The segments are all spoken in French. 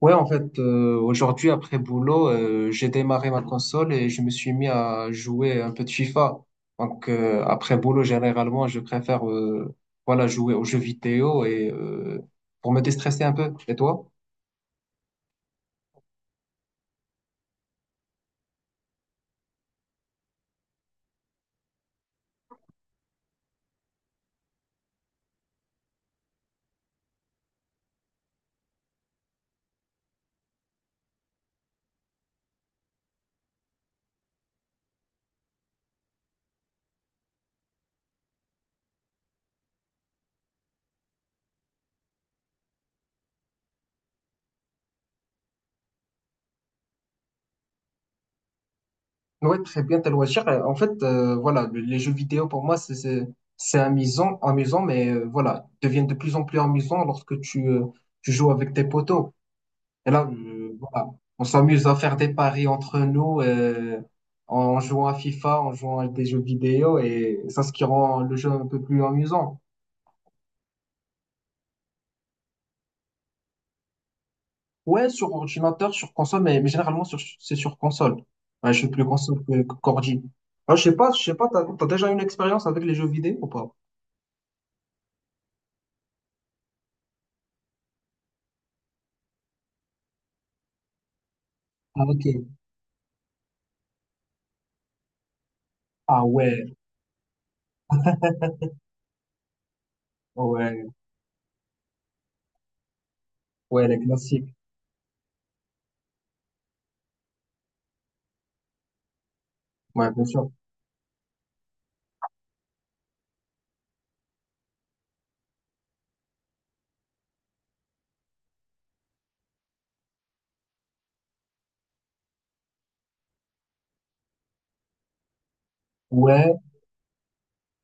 Ouais, en fait, aujourd'hui, après boulot, j'ai démarré ma console et je me suis mis à jouer un peu de FIFA. Donc, après boulot, généralement, je préfère voilà, jouer aux jeux vidéo et pour me déstresser un peu. Et toi? Ouais, très bien, tes loisirs. En fait, voilà, les jeux vidéo, pour moi, c'est amusant, amusant, mais voilà, ils deviennent de plus en plus amusants lorsque tu joues avec tes potos. Et là, voilà, on s'amuse à faire des paris entre nous en jouant à FIFA, en jouant à des jeux vidéo, et ça, ce qui rend le jeu un peu plus amusant. Ouais, sur ordinateur, sur console, mais généralement, sur, c'est sur console. Ouais, je suis plus console que ordi. Ah, je sais pas, t'as déjà une expérience avec les jeux vidéo ou pas? Ah, ok. Ah ouais, ouais, ouais, les classiques. Ouais, bien sûr. Ouais,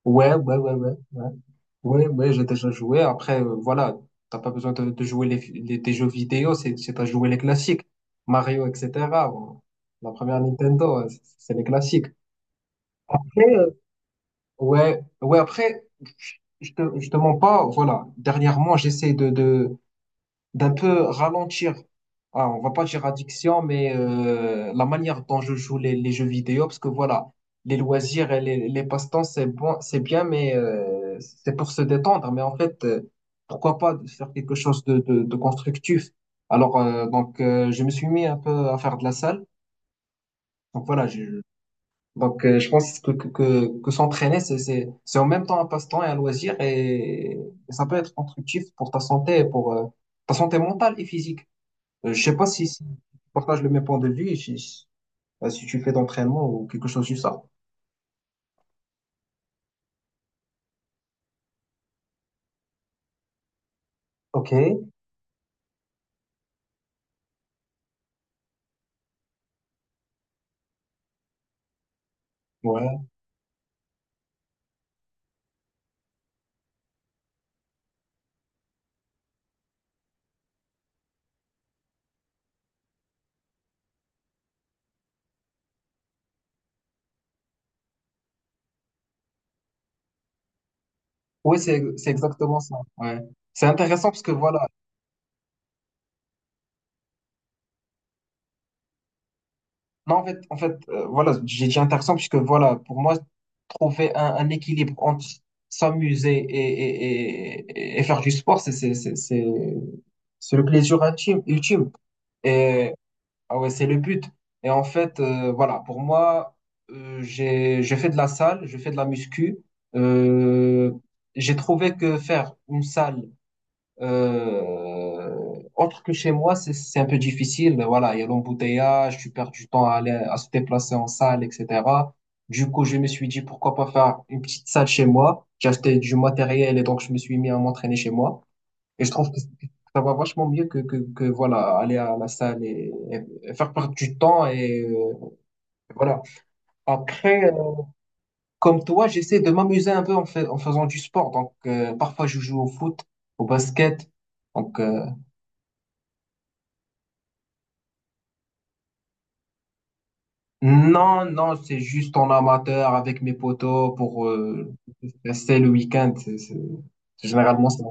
ouais, ouais, ouais, ouais. Ouais. Oui, oui, j'ai déjà joué. Après, voilà, t'as pas besoin de jouer les, des jeux vidéo, c'est à jouer les classiques. Mario, etc. Bon, la première Nintendo, c'est les classiques. Après, ouais, ouais, après, je te mens pas, voilà. Dernièrement, j'essaie d'un peu ralentir, ah, on va pas dire addiction, mais la manière dont je joue les jeux vidéo, parce que voilà, les loisirs et les passe-temps, c'est bon, c'est bien, mais c'est pour se détendre. Mais en fait, pourquoi pas faire quelque chose de constructif? Alors, donc, je me suis mis un peu à faire de la salle. Donc voilà, donc, je pense que s'entraîner, c'est en même temps un passe-temps et un loisir, et ça peut être constructif pour ta santé, et pour ta santé mentale et physique. Je sais pas si tu partages le même point de vue, et si, si tu fais d'entraînement ou quelque chose du ça. Ok. Ouais. Oui, c'est exactement ça. Ouais. C'est intéressant parce que voilà. Non, en fait, voilà, j'ai dit intéressant parce que voilà, pour moi, trouver un équilibre entre s'amuser et faire du sport, c'est le plaisir ultime, ultime. Et Ah ouais, c'est le but. Et en fait, voilà, pour moi, je fais de la salle, je fais de la muscu. Euh, j'ai trouvé que faire une salle euh, autre que chez moi, c'est un peu difficile. Voilà, il y a l'embouteillage, tu perds du temps à aller, à se déplacer en salle, etc. Du coup, je me suis dit, pourquoi pas faire une petite salle chez moi. J'ai acheté du matériel et donc je me suis mis à m'entraîner chez moi. Et je trouve que ça va vachement mieux que voilà, aller à la salle et faire perdre du temps. Et voilà. Après, comme toi, j'essaie de m'amuser un peu en faisant du sport. Donc, parfois, je joue au foot, au basket. Donc, non, non, c'est juste en amateur avec mes potos pour rester le week-end. C'est c'est- généralement ça.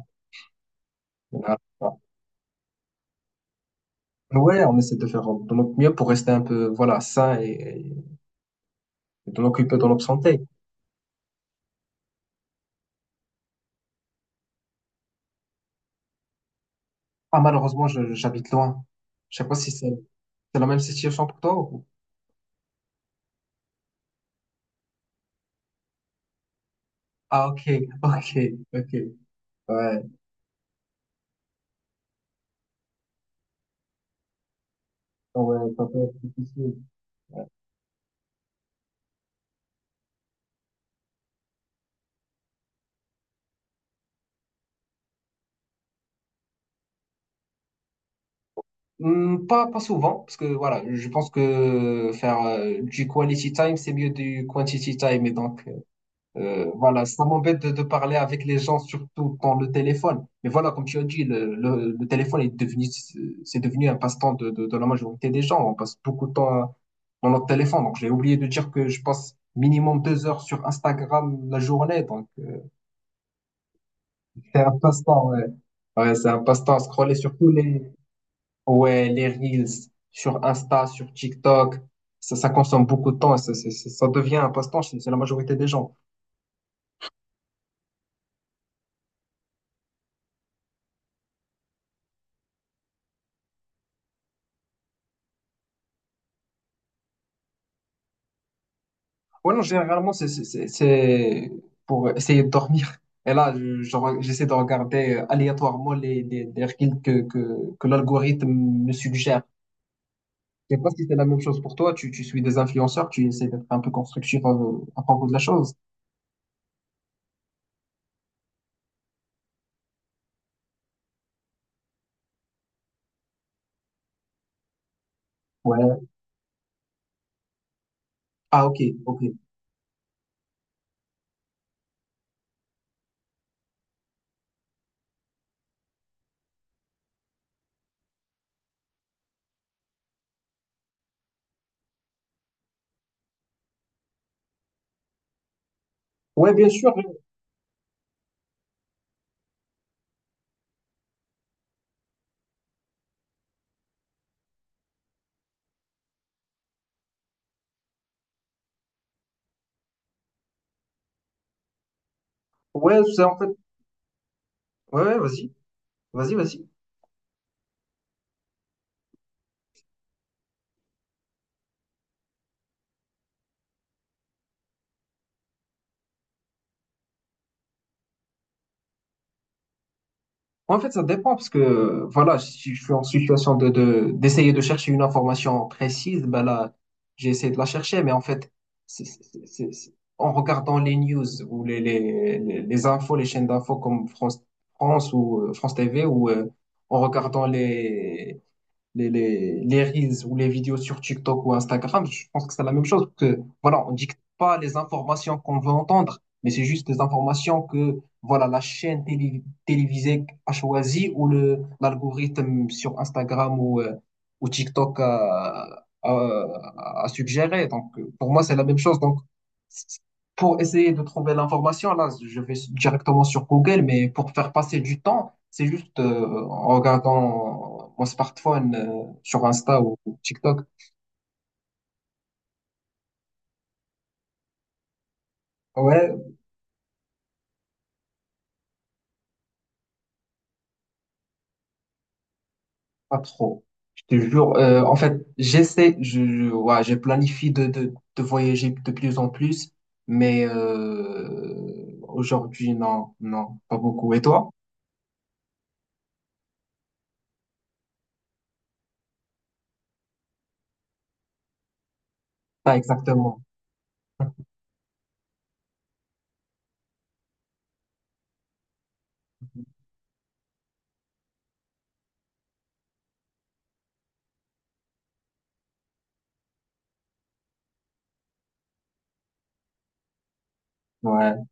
Généralement ça. Ouais, on essaie de faire de notre mieux pour rester un peu, voilà, sain et de l'occuper dans notre santé. Ah, malheureusement, j'habite loin. Je sais pas si c'est la même situation pour toi ou... Ah, ok, ok, ok. Ouais, ouais, ouais, ça peut être difficile. Ouais. Hmm, pas souvent, parce que voilà, je pense que faire du quality time, c'est mieux du quantity time. Et donc, voilà, ça m'embête de parler avec les gens, surtout dans le téléphone. Mais voilà, comme tu as dit, le téléphone est devenu, c'est devenu un passe-temps de la majorité des gens. On passe beaucoup de temps dans notre téléphone. Donc, j'ai oublié de dire que je passe minimum 2 heures sur Instagram la journée. Donc, c'est un passe-temps, ouais. Ouais, c'est un passe-temps à scroller sur tous les, ouais, les Reels, sur Insta, sur TikTok. Ça consomme beaucoup de temps. Et ça, ça devient un passe-temps chez la majorité des gens. Ouais, non, généralement, c'est pour essayer de dormir. Et là, j'essaie de regarder aléatoirement les reels que l'algorithme me suggère. Je sais pas si c'est la même chose pour toi. Tu suis des influenceurs, tu essaies d'être un peu constructif à propos de la chose. Ouais. Ah, ok, ok. Ouais, bien sûr. Ouais, c'est en fait. Ouais, ouais, vas-y. Vas-y, vas-y. En fait, ça dépend parce que voilà, si je suis en situation d'essayer de chercher une information précise, ben là, j'ai essayé de la chercher, mais en fait, en regardant les news ou les infos, les chaînes d'infos comme France, France ou France TV, ou en regardant les reels ou les vidéos sur TikTok ou Instagram, je pense que c'est la même chose. Que, voilà, on dicte pas les informations qu'on veut entendre, mais c'est juste des informations que voilà, la chaîne télévisée a choisi ou l'algorithme sur Instagram ou TikTok a suggéré. Donc, pour moi, c'est la même chose. Donc, c- pour essayer de trouver l'information, là, je vais directement sur Google, mais pour faire passer du temps, c'est juste en regardant mon smartphone sur Insta ou TikTok. Ouais, pas trop. Je te jure. En fait, ouais, je planifie de voyager de plus en plus, mais aujourd'hui, non, non, pas beaucoup. Et toi? Pas exactement. Ouais,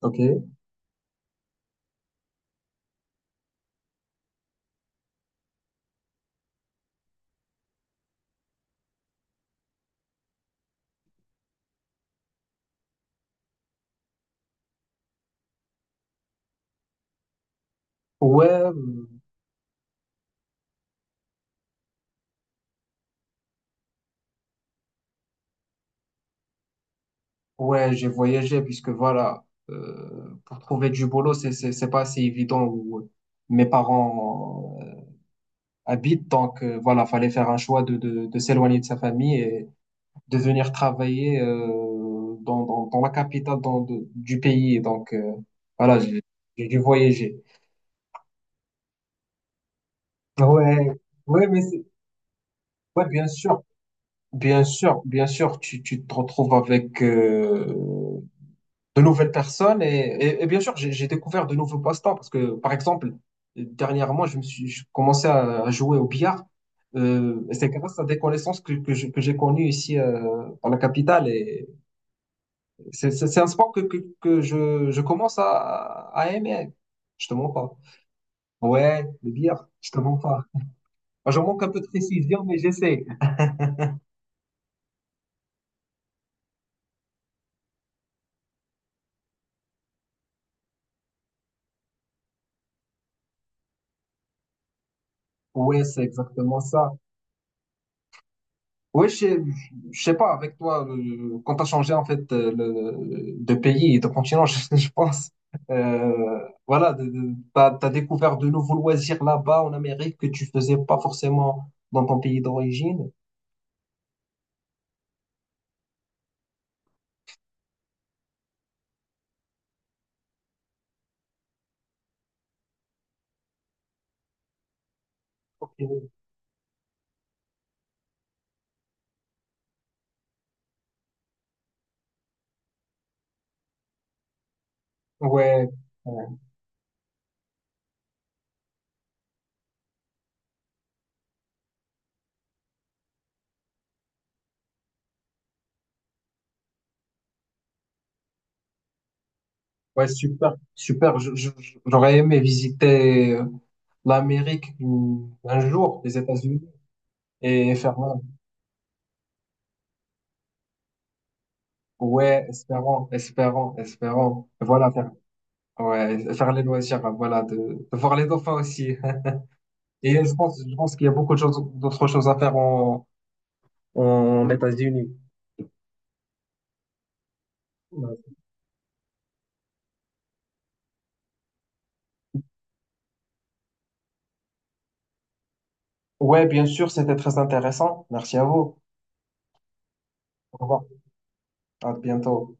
ok. Ouais, ouais, j'ai voyagé puisque voilà, pour trouver du boulot, c'est pas assez évident. Ou, mes parents habite. Donc voilà, fallait faire un choix de s'éloigner de sa famille et de venir travailler dans la capitale dans, du pays. Et donc voilà, j'ai dû voyager. Ouais, ouais, mais ouais, bien sûr, bien sûr, bien sûr, tu te retrouves avec de nouvelles personnes et bien sûr, j'ai découvert de nouveaux passe-temps parce que, par exemple, dernièrement, je me suis je commençais à jouer au billard. Et c'est grâce à des connaissances que j'ai connues ici dans la capitale et c'est un sport que je commence à aimer. Je te mens pas. Ouais, le billard, je te mens pas. J'en manque un peu de précision, mais j'essaie. Ouais, c'est exactement ça. Oui, je sais pas, avec toi, quand tu as changé en fait de pays et de continent, je pense, voilà, tu as, découvert de nouveaux loisirs là-bas en Amérique que tu faisais pas forcément dans ton pays d'origine. Ok. Ouais, ouais, ouais, super, super. J'aurais aimé visiter l'Amérique un jour, les États-Unis, et faire, voilà. Ouais, espérons, espérons, espérons. Voilà, ouais, faire les loisirs, voilà, de voir les dauphins aussi. Et je pense, qu'il y a beaucoup de choses, d'autres choses à faire en États-Unis. Ouais, bien sûr, c'était très intéressant. Merci à vous. Au revoir. À bientôt.